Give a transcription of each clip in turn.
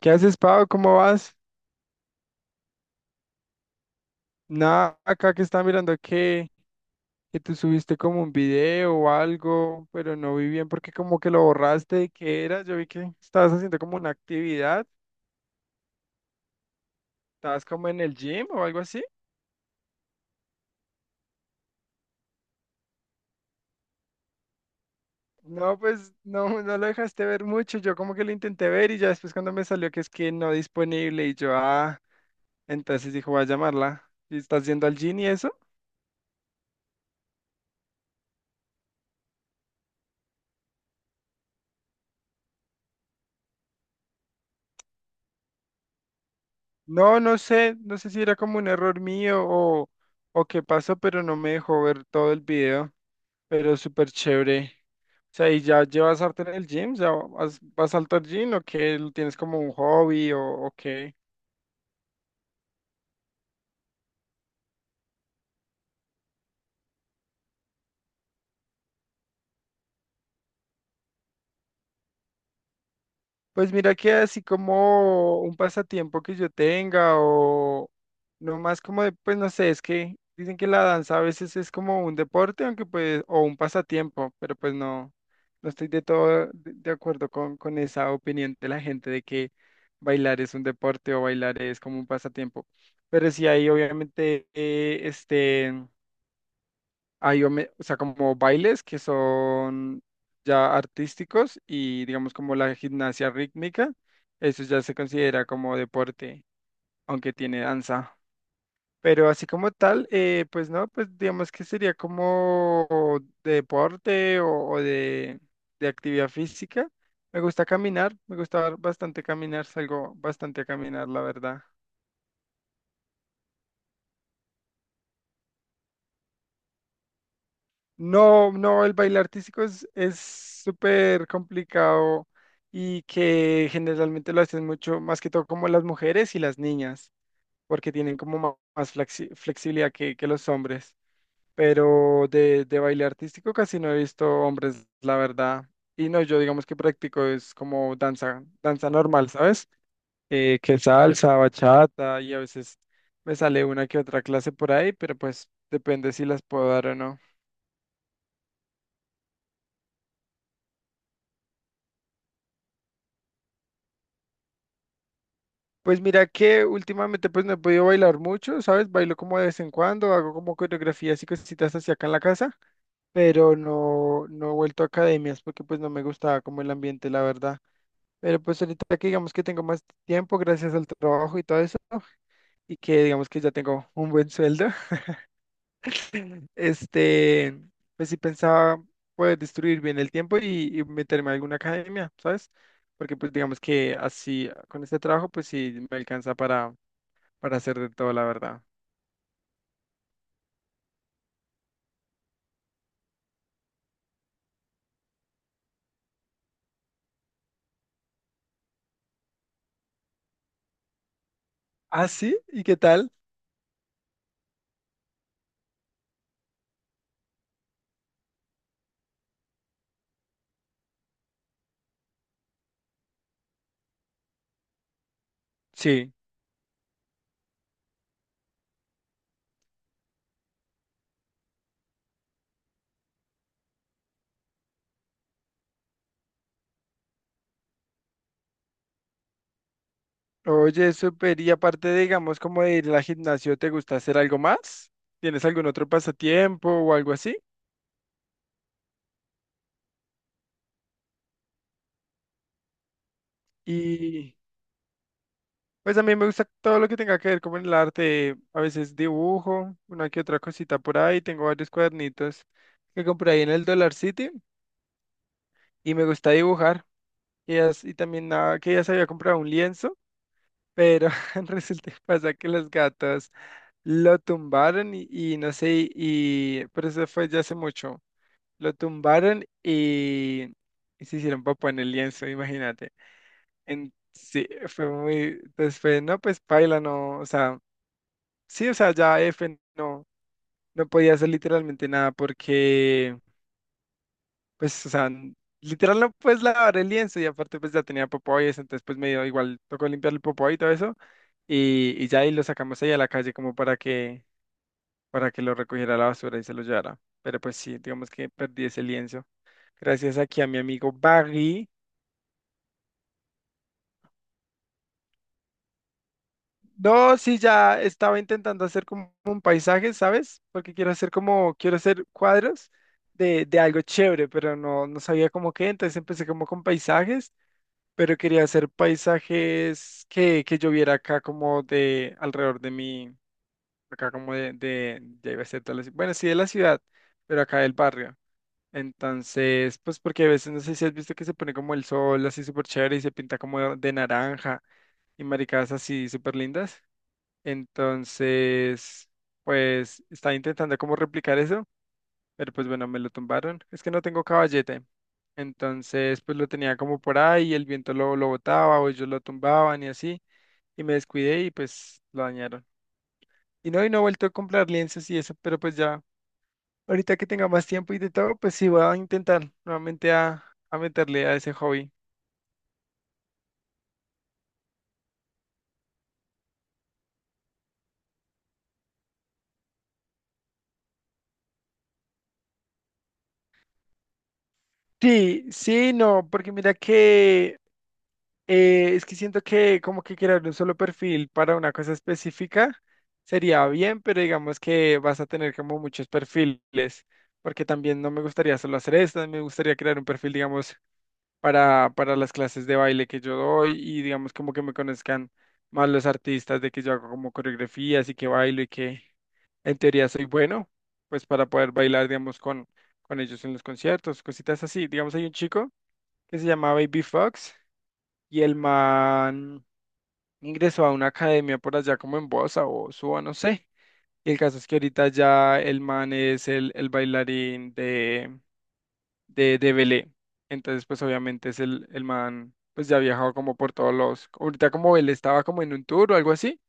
¿Qué haces, Pau? ¿Cómo vas? Nada, acá que está mirando que tú subiste como un video o algo, pero no vi bien porque como que lo borraste. ¿Qué era? Yo vi que estabas haciendo como una actividad, estabas como en el gym o algo así. No, pues no, no lo dejaste ver mucho. Yo como que lo intenté ver y ya después cuando me salió que es que no disponible y yo, ah, entonces dijo, voy a llamarla. ¿Y estás yendo al gym y eso? No, no sé, no sé si era como un error mío o qué pasó, pero no me dejó ver todo el video. Pero súper chévere. O sea, ¿y ya llevas arte en el gym? ¿Ya vas al gym o qué? ¿Lo ¿Tienes como un hobby o qué? Pues mira que así como un pasatiempo que yo tenga o no más como de, pues no sé, es que dicen que la danza a veces es como un deporte, aunque pues, o un pasatiempo, pero pues no, no estoy de todo de acuerdo con esa opinión de la gente de que bailar es un deporte o bailar es como un pasatiempo. Pero sí hay obviamente, o sea, como bailes que son ya artísticos y digamos como la gimnasia rítmica, eso ya se considera como deporte, aunque tiene danza. Pero así como tal, pues no, pues digamos que sería como de deporte o de actividad física. Me gusta caminar, me gusta bastante caminar, salgo bastante a caminar, la verdad. No, no, el baile artístico es súper complicado y que generalmente lo hacen mucho, más que todo como las mujeres y las niñas, porque tienen como más flexibilidad que los hombres. Pero de baile artístico casi no he visto hombres, la verdad. Y no, yo digamos que practico es como danza, danza normal, ¿sabes? Que salsa, bachata y a veces me sale una que otra clase por ahí, pero pues depende si las puedo dar o no. Pues mira que últimamente pues no he podido bailar mucho, ¿sabes? Bailo como de vez en cuando, hago como coreografías y cositas así acá en la casa, pero no, no he vuelto a academias porque pues no me gustaba como el ambiente, la verdad. Pero pues ahorita que digamos que tengo más tiempo gracias al trabajo y todo eso, y que digamos que ya tengo un buen sueldo, este, pues sí pensaba poder distribuir bien el tiempo y meterme a alguna academia, ¿sabes? Porque pues digamos que así con este trabajo pues sí me alcanza para hacer de todo, la verdad. Ah, sí, ¿y qué tal? Sí. Oye, súper. Y aparte, digamos, como de ir al gimnasio, ¿te gusta hacer algo más? ¿Tienes algún otro pasatiempo o algo así? Y pues a mí me gusta todo lo que tenga que ver con el arte. A veces dibujo, una que otra cosita por ahí. Tengo varios cuadernitos que compré ahí en el Dollar City y me gusta dibujar. Y, y también nada, que ya se había comprado un lienzo, pero resulta que pasa que los gatos. Lo tumbaron y no sé, y pero eso fue ya hace mucho. Lo tumbaron y se hicieron popo en el lienzo, imagínate. En, sí, fue muy, pues fue, no, pues paila, no, o sea, sí, o sea, ya F no, no podía hacer literalmente nada porque, pues, o sea, literal no puedes lavar el lienzo y aparte pues ya tenía popó y eso, entonces pues me dio igual, tocó limpiar el popó y todo eso y ya ahí lo sacamos ahí a la calle como para que lo recogiera a la basura y se lo llevara. Pero pues sí, digamos que perdí ese lienzo. Gracias aquí a mi amigo Baggy. No, sí, ya estaba intentando hacer como un paisaje, ¿sabes? Porque quiero hacer como, quiero hacer cuadros de algo chévere, pero no, no sabía cómo qué, entonces empecé como con paisajes, pero quería hacer paisajes que yo viera acá como de alrededor de mi, acá como ya iba a ser toda la bueno, sí de la ciudad, pero acá del barrio. Entonces, pues porque a veces no sé si has visto que se pone como el sol así súper chévere y se pinta como de naranja y maricadas así súper lindas. Entonces, pues estaba intentando como replicar eso, pero pues bueno, me lo tumbaron. Es que no tengo caballete. Entonces, pues lo tenía como por ahí y el viento lo botaba o ellos lo tumbaban y así. Y me descuidé y pues lo dañaron. Y no he vuelto a comprar lienzos y eso, pero pues ya. Ahorita que tenga más tiempo y de todo, pues sí, voy a intentar nuevamente a meterle a ese hobby. Sí, sí, no, porque mira que es que siento que como que crear un solo perfil para una cosa específica sería bien, pero digamos que vas a tener como muchos perfiles, porque también no me gustaría solo hacer esto, me gustaría crear un perfil, digamos, para las clases de baile que yo doy y digamos como que me conozcan más los artistas de que yo hago como coreografías y que bailo y que en teoría soy bueno, pues para poder bailar, digamos, con ellos en los conciertos, cositas así. Digamos, hay un chico que se llama Baby Fox y el man ingresó a una academia por allá como en Bosa o Suba, no sé. Y el caso es que ahorita ya el man es el bailarín de Belé. Entonces, pues obviamente es el man, pues ya ha viajado como por todos los, ahorita como Belé estaba como en un tour o algo así.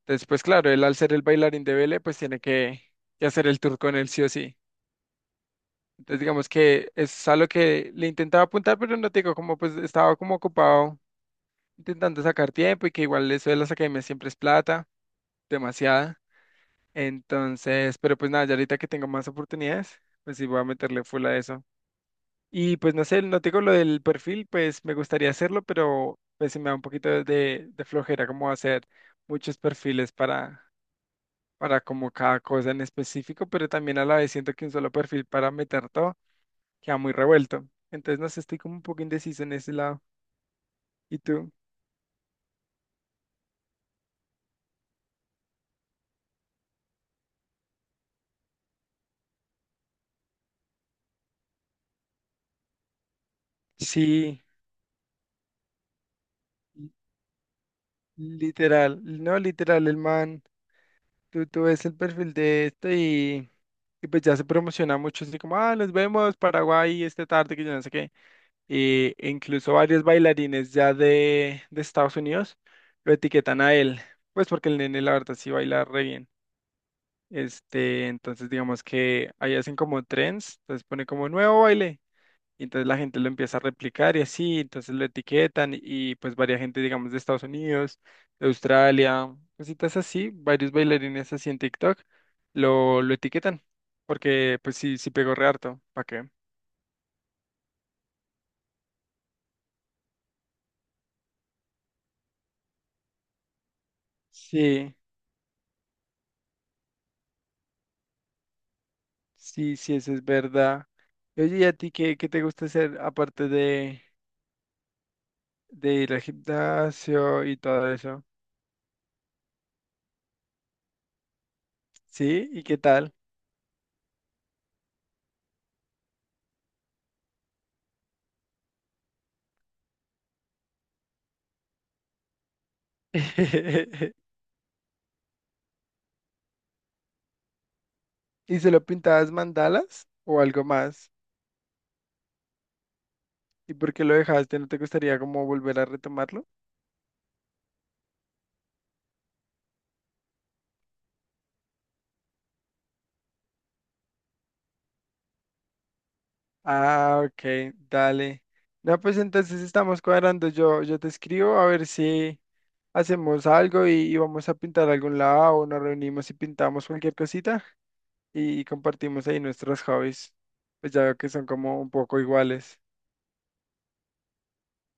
Entonces, pues claro, él al ser el bailarín de Belé, pues tiene que hacer el tour con él sí o sí. Entonces, digamos que es algo que le intentaba apuntar, pero no te digo, como pues estaba como ocupado intentando sacar tiempo y que igual eso de las academias siempre es plata, demasiada. Entonces, pero pues nada, ya ahorita que tengo más oportunidades, pues sí voy a meterle full a eso. Y pues no sé, no tengo lo del perfil, pues me gustaría hacerlo, pero pues se me da un poquito de flojera como hacer muchos perfiles para como cada cosa en específico, pero también a la vez siento que un solo perfil para meter todo queda muy revuelto. Entonces no sé, estoy como un poco indeciso en ese lado. ¿Y tú? Sí, li- literal, no literal, el man, tú ves el perfil de este y pues ya se promociona mucho, así como, ah, nos vemos Paraguay esta tarde, que yo no sé qué. Y incluso varios bailarines ya de Estados Unidos lo etiquetan a él, pues porque el nene la verdad sí baila re bien. Entonces digamos que ahí hacen como trends, entonces pone como nuevo baile, y entonces la gente lo empieza a replicar y así, entonces lo etiquetan y pues varias gente, digamos, de Estados Unidos, de Australia, cositas así, varios bailarines así en TikTok lo etiquetan, porque pues sí, sí pegó re harto, ¿para qué? Sí. Sí, sí, eso es verdad. Oye, ¿y a ti qué te gusta hacer aparte de ir al gimnasio y todo eso? ¿Sí? ¿Y qué tal? ¿Y solo pintabas mandalas o algo más? ¿Y por qué lo dejaste? ¿No te gustaría como volver a retomarlo? Ah, ok, dale. No, pues entonces estamos cuadrando. Yo te escribo a ver si hacemos algo y vamos a pintar a algún lado o nos reunimos y pintamos cualquier cosita. Y compartimos ahí nuestros hobbies, pues ya que son como un poco iguales.